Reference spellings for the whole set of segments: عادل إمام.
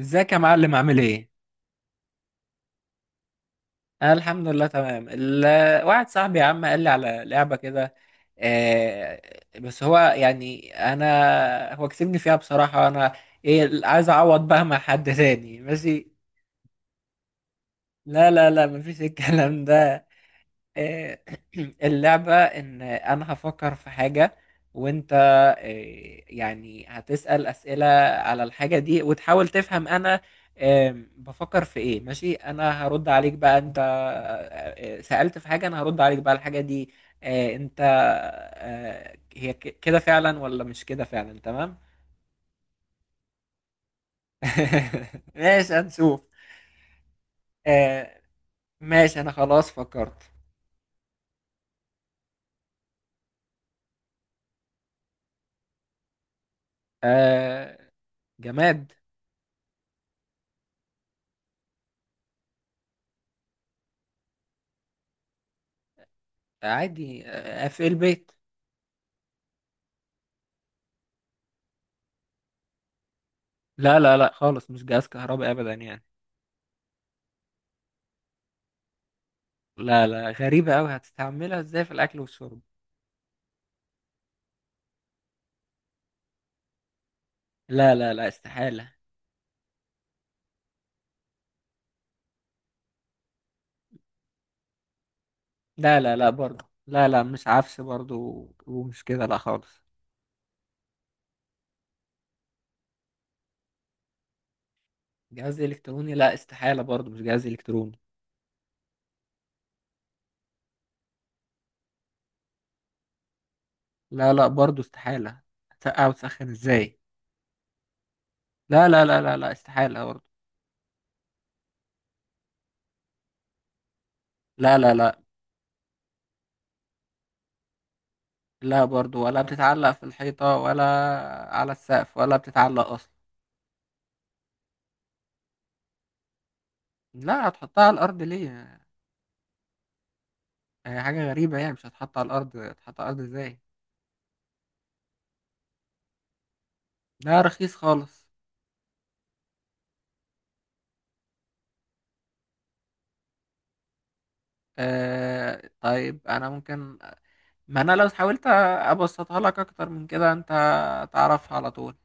ازيك يا معلم؟ عامل ايه؟ انا الحمد لله تمام. واحد صاحبي يا عم قال لي على لعبة كده. آه، بس هو يعني انا هو كسبني فيها بصراحة. انا ايه، عايز اعوض بقى مع حد تاني. ماشي. لا لا لا، مفيش الكلام ده. آه، اللعبة إن أنا هفكر في حاجة، وأنت يعني هتسأل أسئلة على الحاجة دي وتحاول تفهم أنا بفكر في إيه. ماشي، أنا هرد عليك بقى، أنت سألت في حاجة أنا هرد عليك بقى الحاجة دي أنت هي كده فعلا ولا مش كده فعلا؟ تمام. ماشي هنشوف. آه. ماشي، أنا خلاص فكرت. آه. جماد. عادي، في البيت. لا لا لا خالص، مش جهاز كهربائي ابدا يعني. لا لا، غريبة قوي، هتستعملها ازاي في الاكل والشرب؟ لا لا لا، استحالة. لا لا لا برضه، لا لا مش عفش برضه، ومش كده، لا خالص. جهاز الكتروني؟ لا استحالة برضه، مش جهاز الكتروني. لا لا، برضه استحالة. هتسقع وتسخن ازاي؟ لا لا لا لا لا، استحالة برضه. لا لا لا. لا برضه، ولا بتتعلق في الحيطة ولا على السقف، ولا بتتعلق اصلا. لا، هتحطها على الارض ليه؟ هي حاجة غريبة يعني، مش هتحط على الارض، هتحط على الارض ازاي؟ لا، رخيص خالص. طيب انا ممكن، ما انا لو حاولت ابسطها لك اكتر من كده، انت هتعرفها على طول.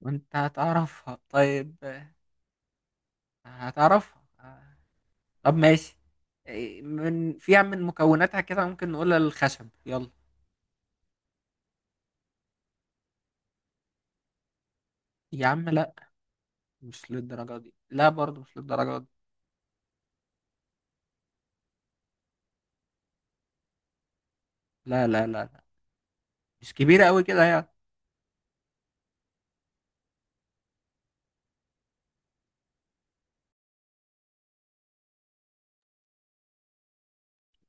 وانت هتعرفها طيب. هتعرفها. طب ماشي. من فيها، من مكوناتها كده ممكن نقول الخشب. يلا يا عم، لا، مش للدرجة دي، لا برضه مش للدرجة دي. لا لا لا لا، مش كبيرة قوي كده يعني.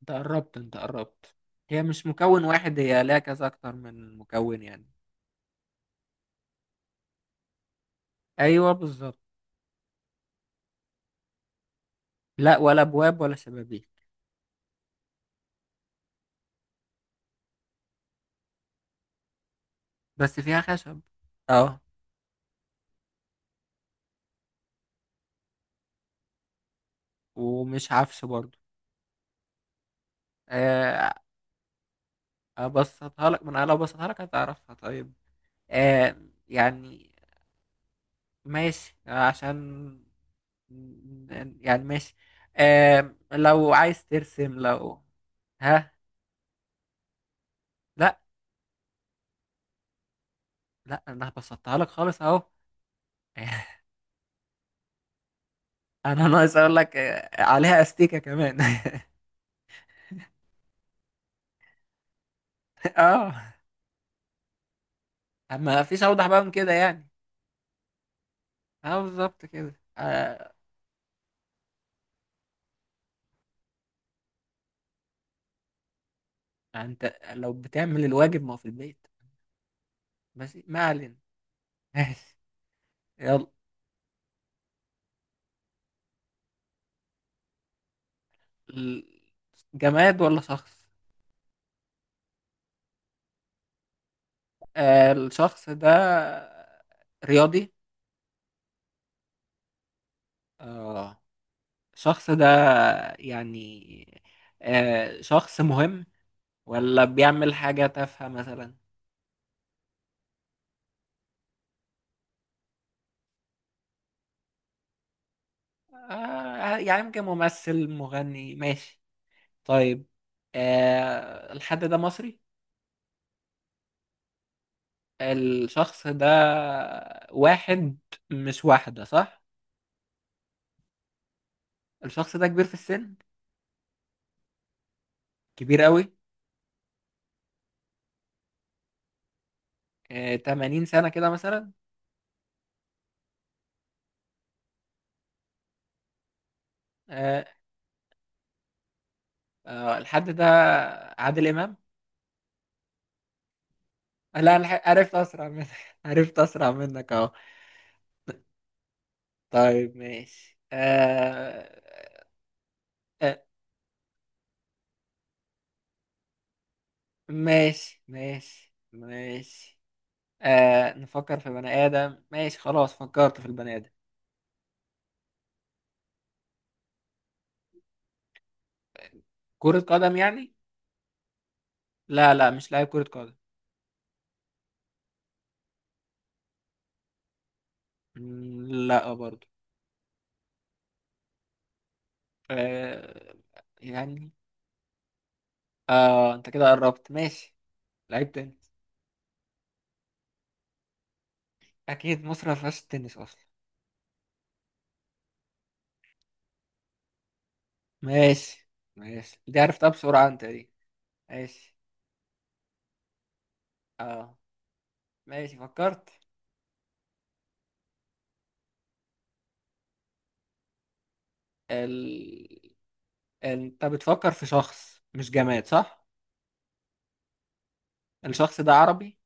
انت قربت، انت قربت. هي مش مكون واحد، هي لها كذا، اكتر من مكون يعني. ايوه بالظبط. لا، ولا ابواب ولا شبابيك. بس فيها خشب. اه. ومش عفش برضو. آه. ابسطها لك، ما انا لو ابسطها لك هتعرفها طيب. آه يعني، ماشي عشان يعني ماشي. لو عايز ترسم، لو... ها. لا. لا، انا بسطها لك خالص اهو. انا ناقص اقول لك عليها استيكة كمان. اه، ما فيش اوضح بقى من كده يعني. اه بالظبط كده. آه. يعني انت لو بتعمل الواجب، ما هو في البيت. بس ما علينا. ماشي. يلا. ال- جماد ولا شخص؟ الشخص ده رياضي؟ آه الشخص ده يعني شخص مهم ولا بيعمل حاجة تافهة مثلا؟ يعني يمكن ممثل، مغني، ماشي. طيب. الحد ده مصري؟ الشخص ده واحد مش واحدة، صح؟ الشخص ده كبير في السن؟ كبير قوي؟ 80 سنة كده مثلا؟ آه. الحد ده عادل إمام؟ لا عرفت أسرع منك. عرفت أسرع منك أهو. طيب ماشي. آه. آه ماشي ماشي ماشي. نفكر في بني آدم، ماشي، خلاص فكرت في البني آدم. كرة قدم يعني؟ لا لا، مش لاعب كرة قدم. مم، لا برضو. آه يعني انت كده قربت، ماشي. لعيب تاني. اكيد، مصر ما فيهاش التنس اصلا. ماشي. ماشي دي عرفتها بسرعه انت دي. ماشي. اه. ماشي فكرت. ال... انت بتفكر في شخص مش جماد صح؟ الشخص ده عربي؟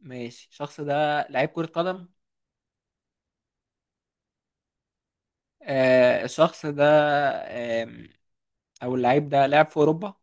ماشي. الشخص ده لعيب كرة قدم. الشخص ده آم، او اللعيب ده لعب في اوروبا؟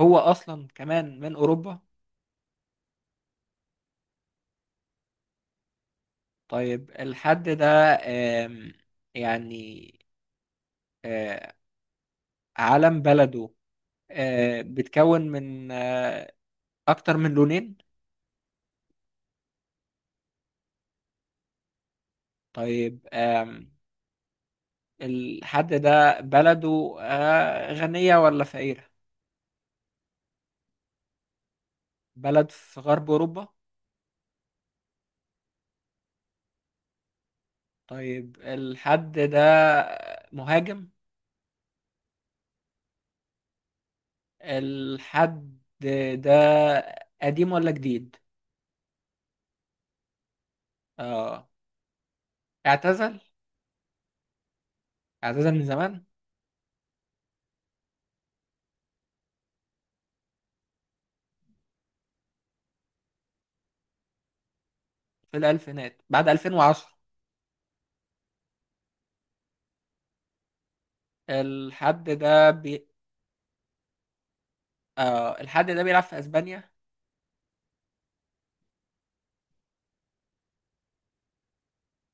هو اصلا كمان من اوروبا؟ طيب الحد ده آم، يعني آه علم بلده بتكون من أكتر من لونين. طيب الحد ده بلده غنية ولا فقيرة؟ بلد في غرب أوروبا. طيب الحد ده مهاجم. الحد ده قديم ولا جديد؟ آه. اعتزل؟ اعتزل من زمان؟ في الألفينات بعد 2010؟ الحد ده الحد ده بيلعب في أسبانيا؟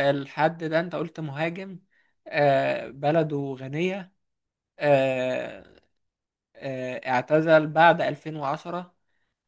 الحد ده أنت قلت مهاجم، آه بلده غنية، آه، اعتزل بعد 2010.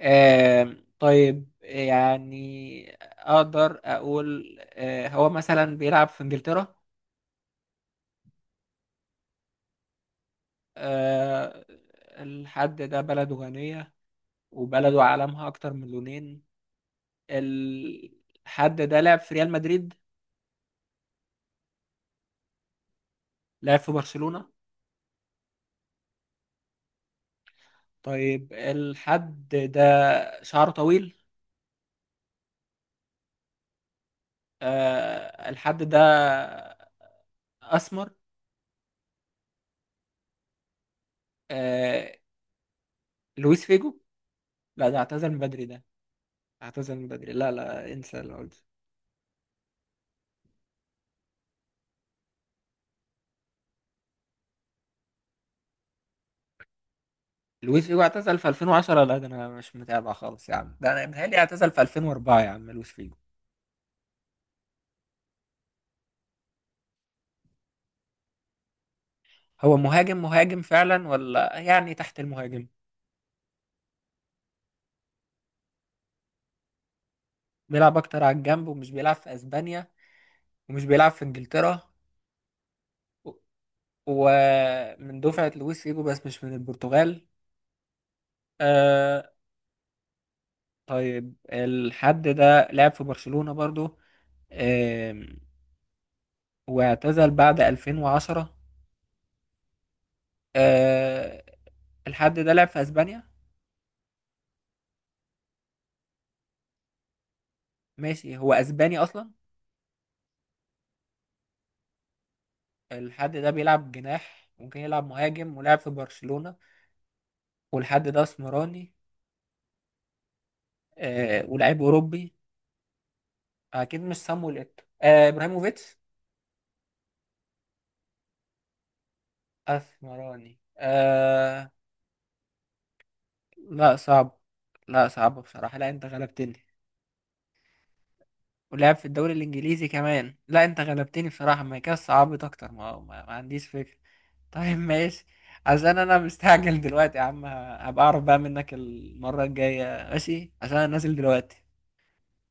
طيب يعني اقدر اقول هو مثلا بيلعب في انجلترا؟ آه، الحد ده بلده غنية، وبلده عالمها اكتر من لونين. الحد ده لعب في ريال مدريد؟ لعب في برشلونة؟ طيب الحد ده شعره طويل؟ الحد ده اسمر؟ آه، لويس فيجو؟ لا، ده اعتزل من بدري ده. اعتزل من بدري، لا لا، انسى اللي قلت. لويس فيجو اعتزل في 2010؟ لا، ده انا مش متابع خالص يا عم، ده انا متهيألي اعتزل في 2004 يا عم لويس فيجو. هو مهاجم مهاجم فعلا، ولا يعني تحت المهاجم؟ بيلعب اكتر على الجنب، ومش بيلعب في اسبانيا ومش بيلعب في انجلترا و- ومن دفعة لويس فيجو، بس مش من البرتغال. آه. طيب الحد ده لعب في برشلونة برضو. آه، واعتزل بعد 2010. آه الحد ده لعب في اسبانيا. ماشي، هو اسباني اصلا؟ الحد ده بيلعب جناح ممكن يلعب مهاجم، ولعب في برشلونة، والحد ده اسمراني، آه، ولاعيب اوروبي. اكيد مش سامويل ايتو. آه، ابراهيموفيتش؟ اسمراني، آه. لا صعب، لا صعب بصراحة، لا انت غلبتني. ولعب في الدوري الانجليزي كمان، لا انت غلبتني بصراحة، ما كده صعبت اكتر. ما عنديش فكرة. طيب ماشي، عشان انا مستعجل دلوقتي يا عم، هبقى اعرف بقى منك المرة الجاية. ماشي، عشان انا نازل دلوقتي.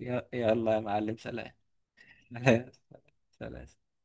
يلا يا معلم، سلام. سلام. سلام.